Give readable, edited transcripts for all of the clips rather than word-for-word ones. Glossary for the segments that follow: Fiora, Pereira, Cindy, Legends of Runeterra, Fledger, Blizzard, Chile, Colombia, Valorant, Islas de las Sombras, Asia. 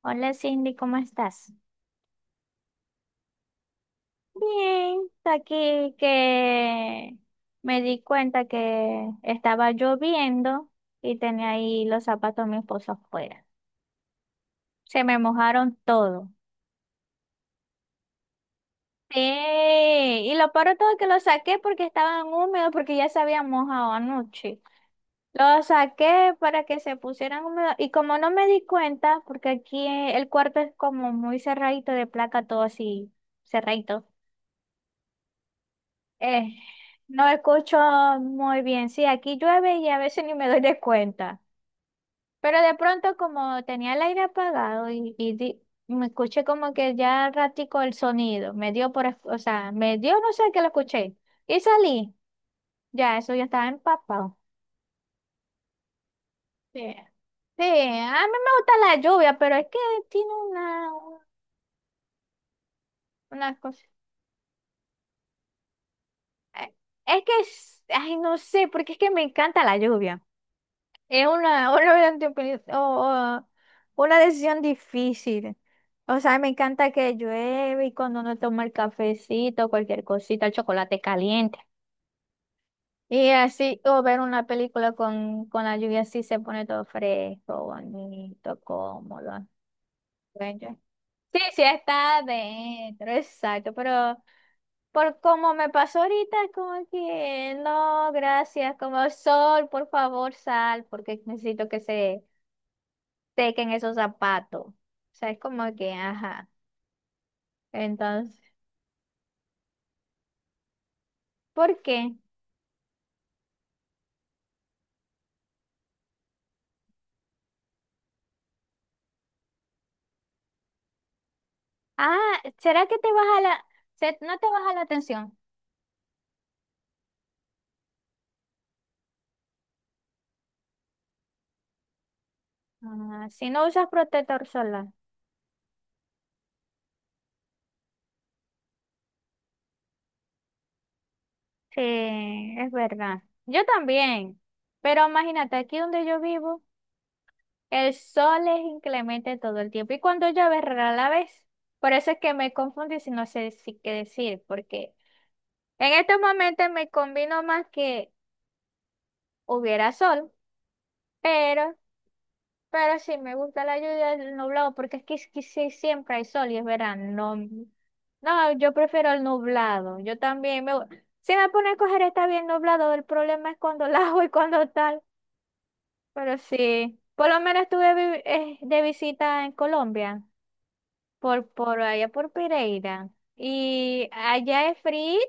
Hola Cindy, ¿cómo estás? Bien, aquí que me di cuenta que estaba lloviendo y tenía ahí los zapatos de mi esposo afuera. Se me mojaron todo. Sí, y lo peor de todo es que los saqué porque estaban húmedos, porque ya se habían mojado anoche. Los saqué para que se pusieran húmedos y como no me di cuenta, porque aquí el cuarto es como muy cerradito de placa, todo así cerradito. Eh, no escucho muy bien. Sí, aquí llueve y a veces ni me doy de cuenta. Pero de pronto, como tenía el aire apagado y me escuché como que ya ratico el sonido, me dio por, o sea, me dio, no sé qué lo escuché. Y salí. Ya, eso ya estaba empapado. Sí. Sí, a mí me gusta la lluvia, pero es que tiene una cosa. eh, Es que, ay, no sé, porque es que me encanta la lluvia. Es una, una, o una decisión difícil. O sea, me encanta que llueve y cuando uno toma el cafecito, cualquier cosita, el chocolate caliente. Y así, o ver una película con la lluvia así se pone todo fresco, bonito, cómodo. Bello. Sí, sí, está adentro, exacto, pero por como me pasó ahorita, es como que no, gracias, como sol, por favor, sal, porque necesito que se teca en esos zapatos. O sea, es como que, ajá. Entonces, ¿por qué? Ah, ¿será que te baja la, no te baja la tensión? Ah, si no usas protector solar. Sí, es verdad. Yo también. Pero imagínate, aquí donde yo vivo, el sol es inclemente todo el tiempo. Y cuando llueve, rara la vez. Por eso es que me confundo y si no sé si qué decir, porque en estos momentos me combino más que hubiera sol, pero Pero sí, me gusta la lluvia del nublado porque es que sí, siempre hay sol y es verano. No, no, yo prefiero el nublado. Yo también si me pone a coger está bien nublado, el problema es cuando la hago y cuando tal. Pero sí, por lo menos estuve de visita en Colombia, por allá por Pereira. Y allá es frío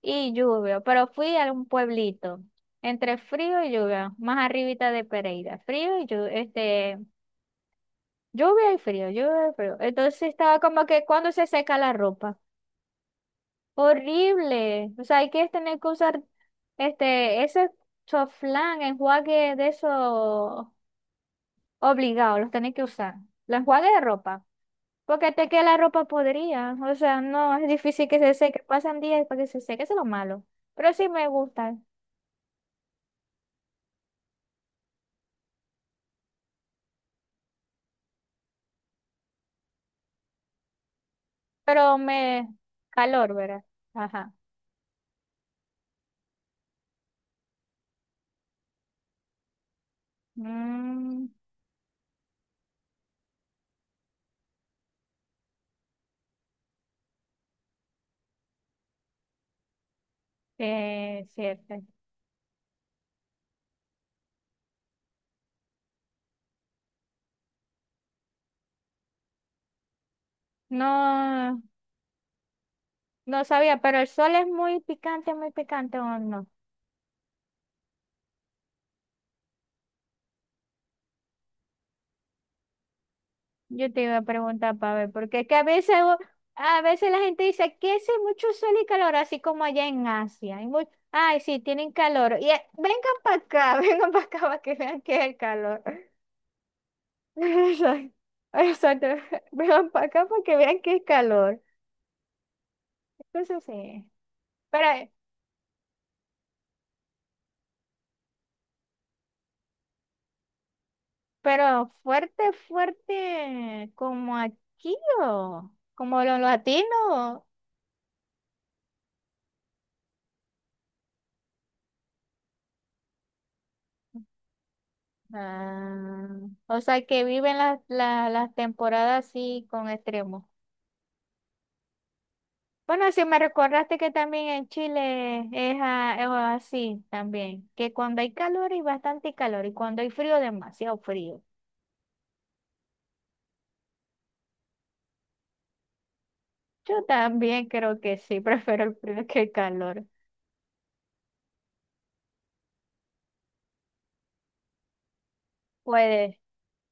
y lluvia, pero fui a un pueblito, entre frío y lluvia, más arribita de Pereira. Frío y lluvia, lluvia y frío, lluvia y frío. Entonces estaba como que cuando se seca la ropa. Horrible. O sea, hay que tener que usar ese choflán, enjuague de eso obligado, los tenés que usar. Los enjuague de ropa. Porque te queda la ropa podrida. O sea, no, es difícil que se seque. Pasan días para que se seque, eso es lo malo. Pero sí me gusta. Pero me calor, ¿verdad? Ajá. Mm, Cierto. No. No sabía, pero el sol es muy picante o no. Yo te iba a preguntar para ver, porque es que a veces, a veces la gente dice que hace mucho sol y calor, así como allá en Asia. Ay, sí, tienen calor. Y vengan para acá, vengan para acá para que vean que es el calor. Exacto. Exacto. Vengan para acá para que vean que es calor. Entonces sí. Pero, pero fuerte, fuerte, como aquí o como los latinos. Ah, o sea que viven las temporadas así con extremos. Bueno, si me recordaste que también en Chile es así también, que cuando hay calor hay bastante calor y cuando hay frío demasiado frío. Yo también creo que sí, prefiero el frío que el calor. Puede.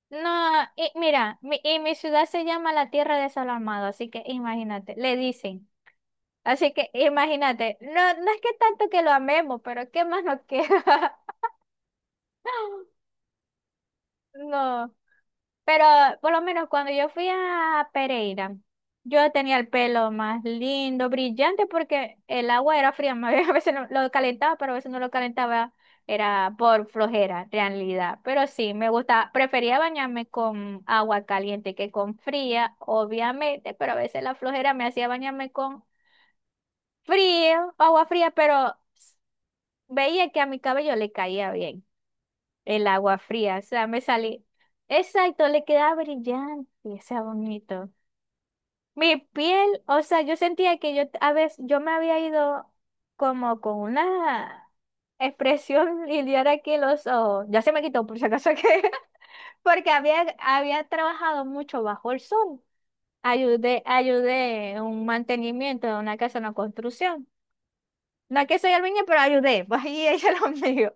No, y mira, y mi ciudad se llama la Tierra de Sol Amado, así que imagínate, le dicen. Así que imagínate, no, no es que tanto que lo amemos, pero ¿qué más nos queda? No, pero por lo menos cuando yo fui a Pereira, yo tenía el pelo más lindo, brillante, porque el agua era fría, más bien, a veces lo calentaba, pero a veces no lo calentaba, era por flojera, realidad. Pero sí, me gustaba, prefería bañarme con agua caliente que con fría, obviamente, pero a veces la flojera me hacía bañarme con frío, agua fría, pero veía que a mi cabello le caía bien. El agua fría, o sea, me salí. Exacto, le quedaba brillante, o sea, bonito. Mi piel, o sea, yo sentía que yo a veces yo me había ido como con una expresión y de ahora que los ojos. Ya se me quitó, por si acaso que. Porque había trabajado mucho bajo el sol. Ayudé en un mantenimiento de una casa, una construcción. No es que soy albañil, pero ayudé. Pues ahí ella lo mío.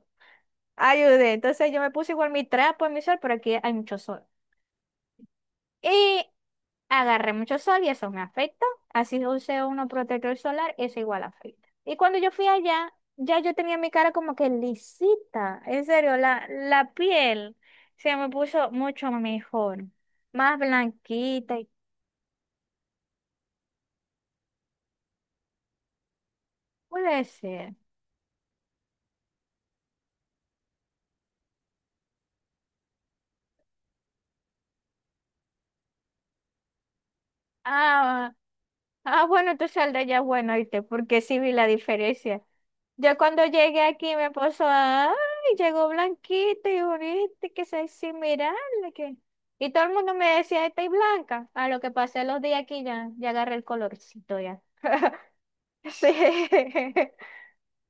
Ayudé. Entonces yo me puse igual mi trapo en mi sol, pero aquí hay mucho sol. Y agarré mucho sol y eso me afecta. Así que usé uno protector solar, eso igual afecta. Y cuando yo fui allá, ya yo tenía mi cara como que lisita. En serio, la piel se me puso mucho mejor. Más blanquita y puede ser. Ah, ah, bueno, tú sal de allá, bueno, ¿viste? Porque sí vi la diferencia. Yo cuando llegué aquí me puso, ay, llegó Blanquita y bonita, que sexy, mirarle que... Y todo el mundo me decía, estáis blanca. A lo que pasé los días aquí ya, agarré el colorcito ya. Sí.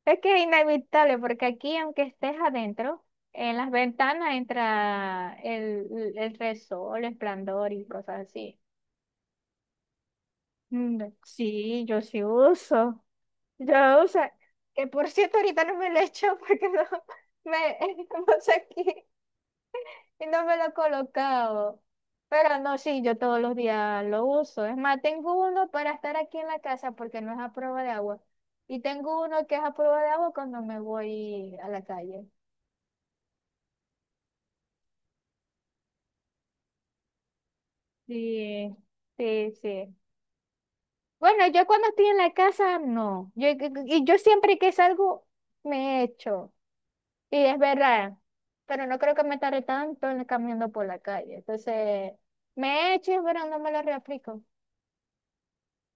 Es que es inevitable, porque aquí, aunque estés adentro, en las ventanas entra el resol, el esplendor y cosas así. Mm, sí, yo sí uso. Yo, o sea, que por cierto ahorita no me lo he hecho porque no me estamos aquí y no me lo he colocado. Pero no, sí, yo todos los días lo uso. Es más, tengo uno para estar aquí en la casa porque no es a prueba de agua. Y tengo uno que es a prueba de agua cuando me voy a la calle. Sí, sí, sí. Bueno, yo cuando estoy en la casa, no. Y yo siempre que salgo, me echo. Sí, es verdad, pero no creo que me tarde tanto caminando por la calle. Entonces, me he hecho, pero no me lo reaplico.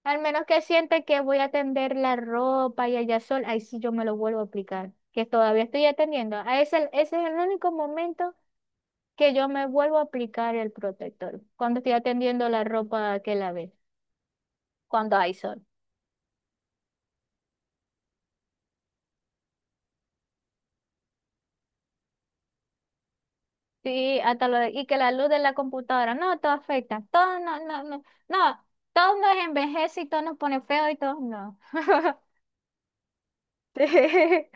Al menos que siente que voy a tender la ropa y allá sol, ahí sí yo me lo vuelvo a aplicar, que todavía estoy atendiendo. Ese es el único momento que yo me vuelvo a aplicar el protector, cuando estoy atendiendo la ropa que lavé, cuando hay sol. Sí, hasta y que la luz de la computadora, no, todo afecta, todo no, no, no, no, todo nos envejece y todo nos pone feo y todo no. Sí,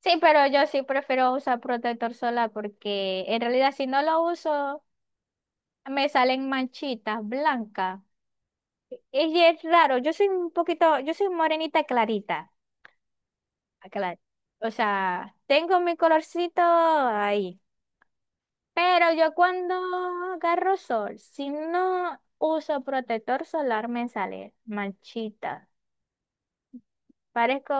sí, pero yo sí prefiero usar protector solar porque en realidad si no lo uso me salen manchitas blancas. Y es raro, yo soy un poquito, yo soy morenita clarita, aclar- o sea, tengo mi colorcito ahí. Pero yo cuando agarro sol, si no uso protector solar, me sale manchita. Parezco,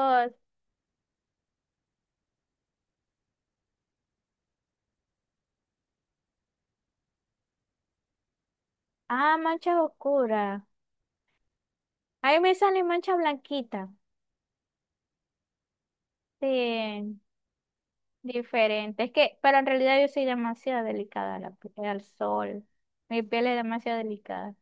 mancha oscura. Ahí me sale mancha blanquita. Sí, diferente. Es que, pero en realidad yo soy demasiado delicada a al sol. Mi piel es demasiado delicada.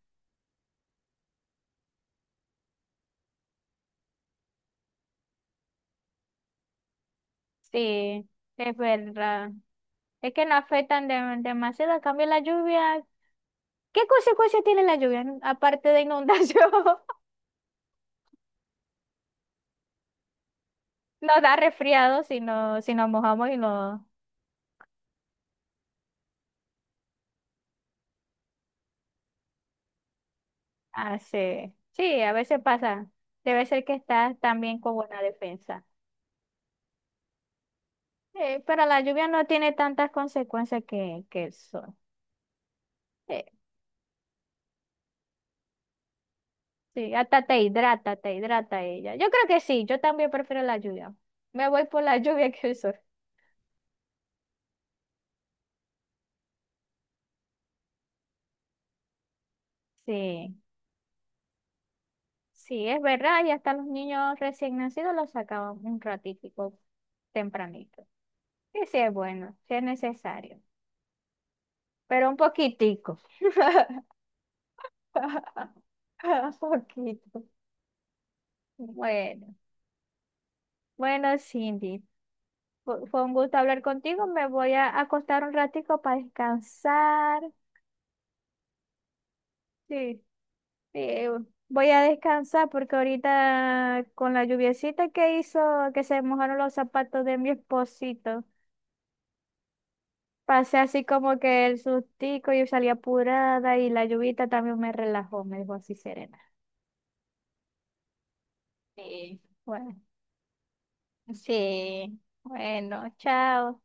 Sí, es verdad. Es que no afectan demasiado. En cambio, la lluvia. ¿Qué consecuencias tiene la lluvia? Aparte de inundación. Nos da resfriado si, no, si nos mojamos y nos hace. Sí, a veces pasa. Debe ser que estás también con buena defensa. Sí, pero la lluvia no tiene tantas consecuencias que el sol. Sí, sí, hasta te hidrata ella. Yo creo que sí, yo también prefiero la lluvia. Me voy por la lluvia que el sol. Sí, sí, es verdad. Y hasta los niños recién nacidos los sacaban un ratitico tempranito. Que sí es bueno, sí es necesario, pero un poquitico. Un poquito. Bueno, bueno, Cindy, fue un gusto hablar contigo. Me voy a acostar un ratico para descansar. Sí, sí, voy a descansar porque ahorita con la lluviecita que hizo, que se mojaron los zapatos de mi esposito, pasé así como que el sustico, yo salí apurada y la lluvita también me relajó, me dejó así serena. Sí. Bueno, sí, bueno, chao.